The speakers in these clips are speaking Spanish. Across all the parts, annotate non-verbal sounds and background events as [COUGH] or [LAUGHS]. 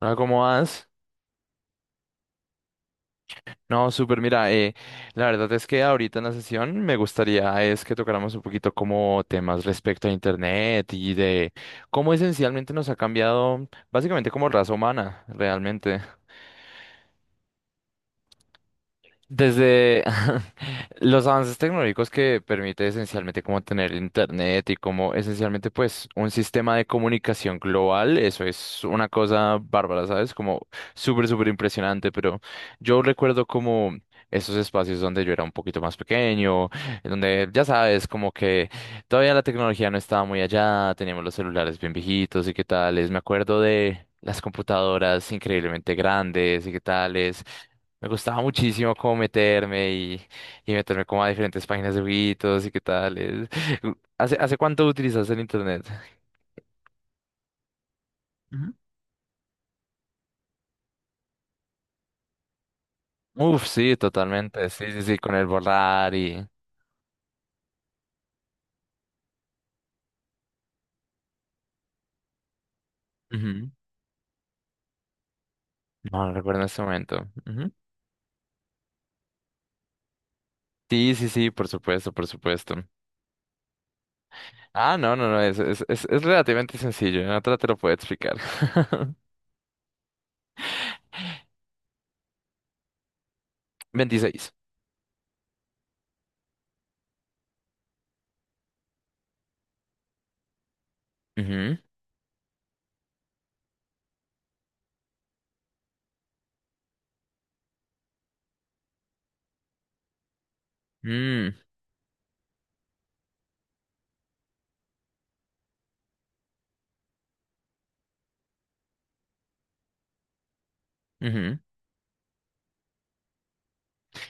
Hola, ¿cómo vas? No, súper, mira, la verdad es que ahorita en la sesión me gustaría es que tocáramos un poquito como temas respecto a Internet y de cómo esencialmente nos ha cambiado básicamente como raza humana, realmente. Desde [LAUGHS] los avances tecnológicos que permite esencialmente como tener internet y como esencialmente pues un sistema de comunicación global. Eso es una cosa bárbara, ¿sabes? Como súper, súper impresionante, pero yo recuerdo como esos espacios donde yo era un poquito más pequeño, en donde ya sabes, como que todavía la tecnología no estaba muy allá. Teníamos los celulares bien viejitos y qué tales, me acuerdo de las computadoras increíblemente grandes y qué tales. Me gustaba muchísimo como meterme y meterme como a diferentes páginas de jueguitos y qué tal. [LAUGHS] ¿Hace cuánto utilizas el internet? Ujú. Uf, sí, totalmente. Sí, sí, sí, con el borrar y... Ujú. No, no recuerdo en este momento. Ujú. Sí, sí, sí, por supuesto, por supuesto. Ah, no, no, no, es relativamente sencillo. En otra te lo puedo explicar. [LAUGHS] 26. Ujú. Mm, ujú.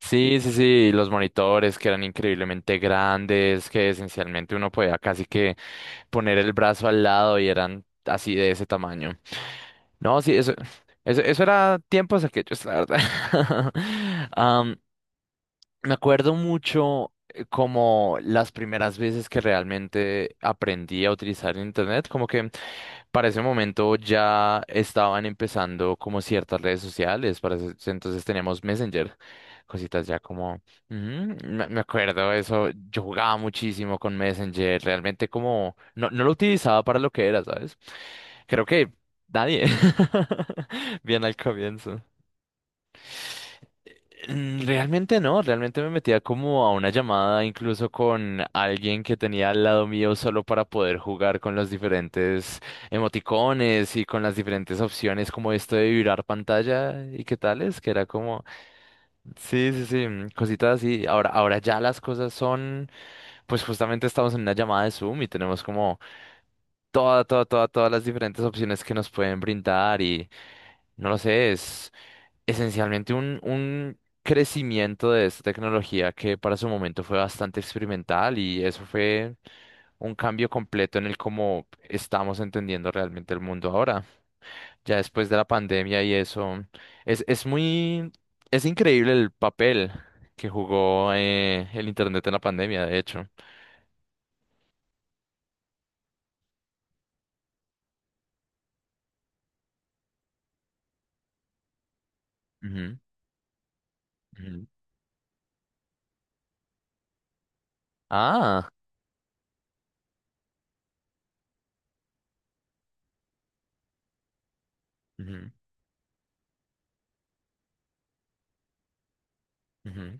Sí, sí, sí, los monitores que eran increíblemente grandes, que esencialmente uno podía casi que poner el brazo al lado y eran así de ese tamaño. No, sí, eso, eso era tiempos aquellos, la verdad. [LAUGHS] Am, me acuerdo mucho como las primeras veces que realmente aprendí a utilizar el internet, como que para ese momento ya estaban empezando como ciertas redes sociales, entonces teníamos Messenger, cositas ya como, ujú, me acuerdo eso. Yo jugaba muchísimo con Messenger, realmente como, no, no lo utilizaba para lo que era, ¿sabes? Creo que nadie, [LAUGHS] bien al comienzo. Mm, realmente no. Realmente me metía como a una llamada incluso con alguien que tenía al lado mío solo para poder jugar con los diferentes emoticones y con las diferentes opciones como esto de vibrar pantalla y qué tales, que era como, sí, sí, sí, mm, cositas así. Ahora, ahora ya las cosas son, pues justamente estamos en una llamada de Zoom y tenemos como todas las diferentes opciones que nos pueden brindar y no lo sé. Es esencialmente un crecimiento de esta tecnología que para su momento fue bastante experimental y eso fue un cambio completo en el cómo estamos entendiendo realmente el mundo ahora. Ya después de la pandemia y eso, es, es muy, es increíble el papel que jugó el Internet en la pandemia, de hecho. Ujú, ujú. Ah. Ujú, ujú.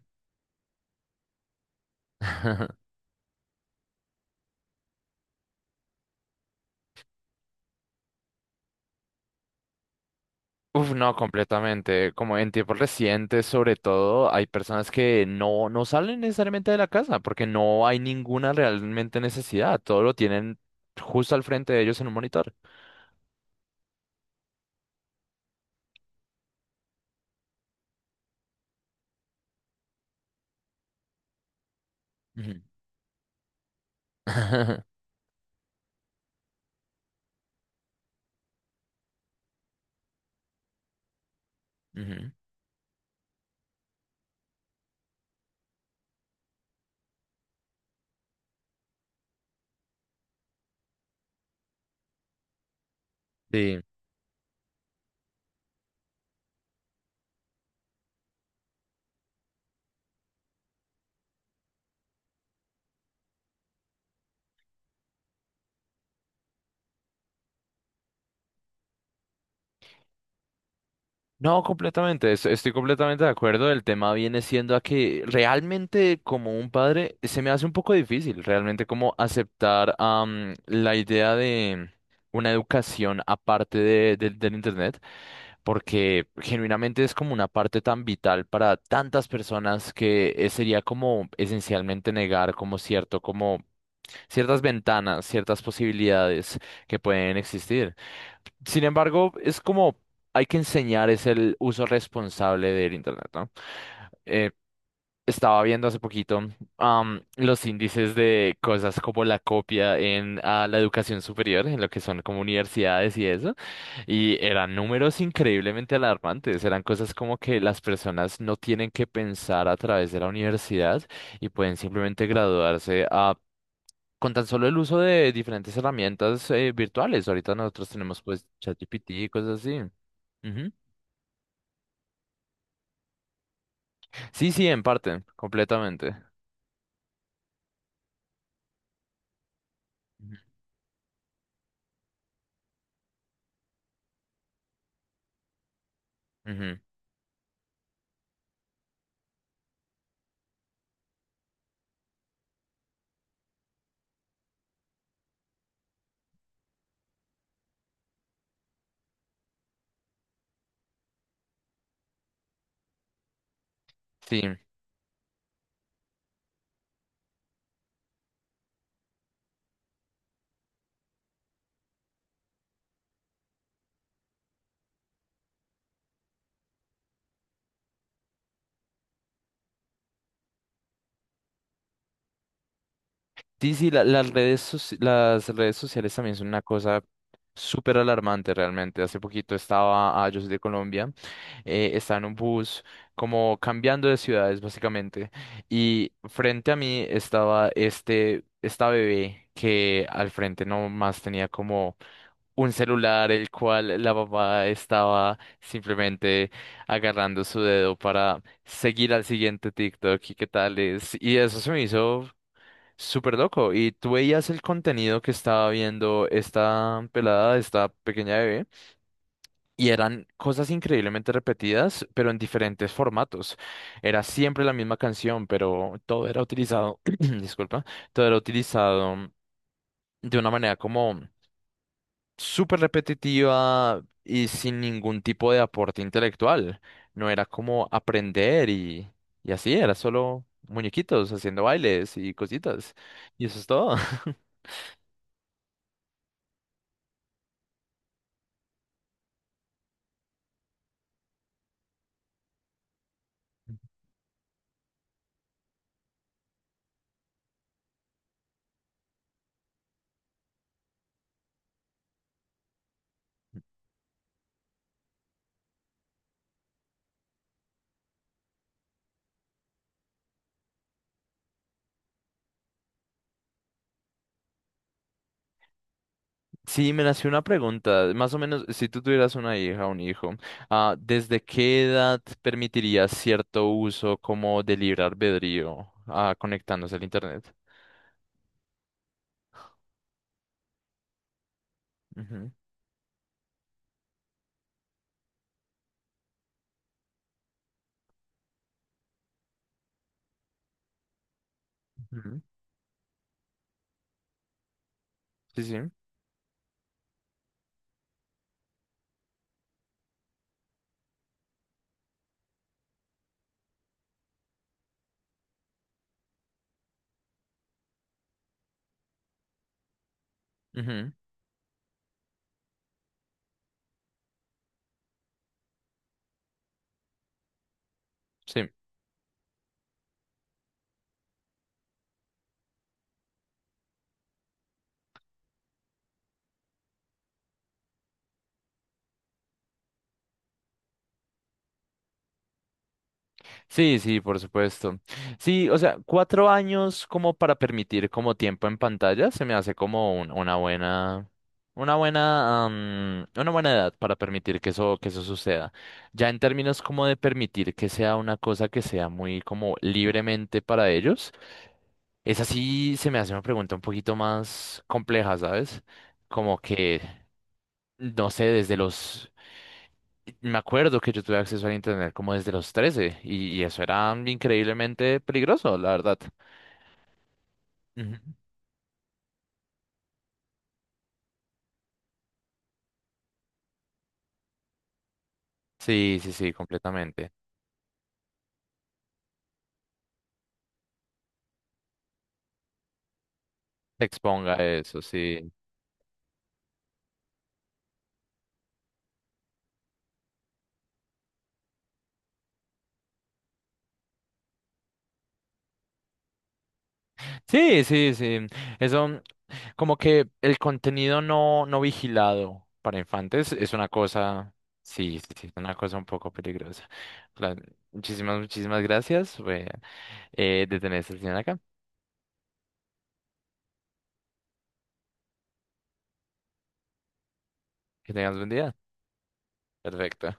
[LAUGHS] Uf, no, completamente. Como en tiempos recientes, sobre todo, hay personas que no, no salen necesariamente de la casa porque no hay ninguna realmente necesidad. Todo lo tienen justo al frente de ellos en un monitor. Ujú. [LAUGHS] Ujú. Sí. No, completamente. Estoy completamente de acuerdo. El tema viene siendo a que realmente como un padre se me hace un poco difícil realmente como aceptar la idea de una educación aparte del internet, porque genuinamente es como una parte tan vital para tantas personas que sería como esencialmente negar como cierto, como ciertas ventanas, ciertas posibilidades que pueden existir. Sin embargo, es como hay que enseñar es el uso responsable del Internet, ¿no? Estaba viendo hace poquito los índices de cosas como la copia en la educación superior, en lo que son como universidades y eso, y eran números increíblemente alarmantes. Eran cosas como que las personas no tienen que pensar a través de la universidad y pueden simplemente graduarse con tan solo el uso de diferentes herramientas virtuales. Ahorita nosotros tenemos pues ChatGPT y cosas así. Ujú. Sí, sí, en parte, completamente. Ujú, ujú, sí. Sí, sí, las redes, las redes sociales también son una cosa súper alarmante realmente. Hace poquito estaba, ah, yo soy de Colombia, estaba en un bus como cambiando de ciudades básicamente, y frente a mí estaba este, esta bebé que al frente nomás tenía como un celular el cual la papá estaba simplemente agarrando su dedo para seguir al siguiente TikTok y qué tal es. Y eso se me hizo... súper loco. Y tú veías el contenido que estaba viendo esta pelada, esta pequeña bebé, y eran cosas increíblemente repetidas, pero en diferentes formatos. Era siempre la misma canción, pero todo era utilizado, [CLEARS THROAT] disculpa, todo era utilizado de una manera como súper repetitiva y sin ningún tipo de aporte intelectual. No era como aprender y así, era solo muñequitos haciendo bailes y cositas. Y eso es todo. [LAUGHS] Sí, me nació una pregunta. Más o menos, si tú tuvieras una hija o un hijo, ah, ¿desde qué edad permitirías cierto uso como de libre albedrío, ah, conectándose al internet? Ujú, ujú. Sí, sí. Ujú, sí. Sí, sí, por supuesto. Sí, o sea, 4 años como para permitir como tiempo en pantalla, se me hace como una buena, una buena, una buena edad para permitir que eso suceda. Ya en términos como de permitir que sea una cosa que sea muy como libremente para ellos, esa sí se me hace una pregunta un poquito más compleja, ¿sabes? Como que, no sé, desde los y me acuerdo que yo tuve acceso al internet como desde los 13 y eso era increíblemente peligroso, la verdad. Ujú. Sí, sí, sí, completamente. Te exponga a eso, sí. Sí, sí, sí. Eso, mm, como que el contenido no, no vigilado para infantes es una cosa, sí, sí, sí, es una cosa un poco peligrosa. La- muchísimas, muchísimas gracias, fue, de tener esta sesión acá. Que tengas buen día. Perfecto.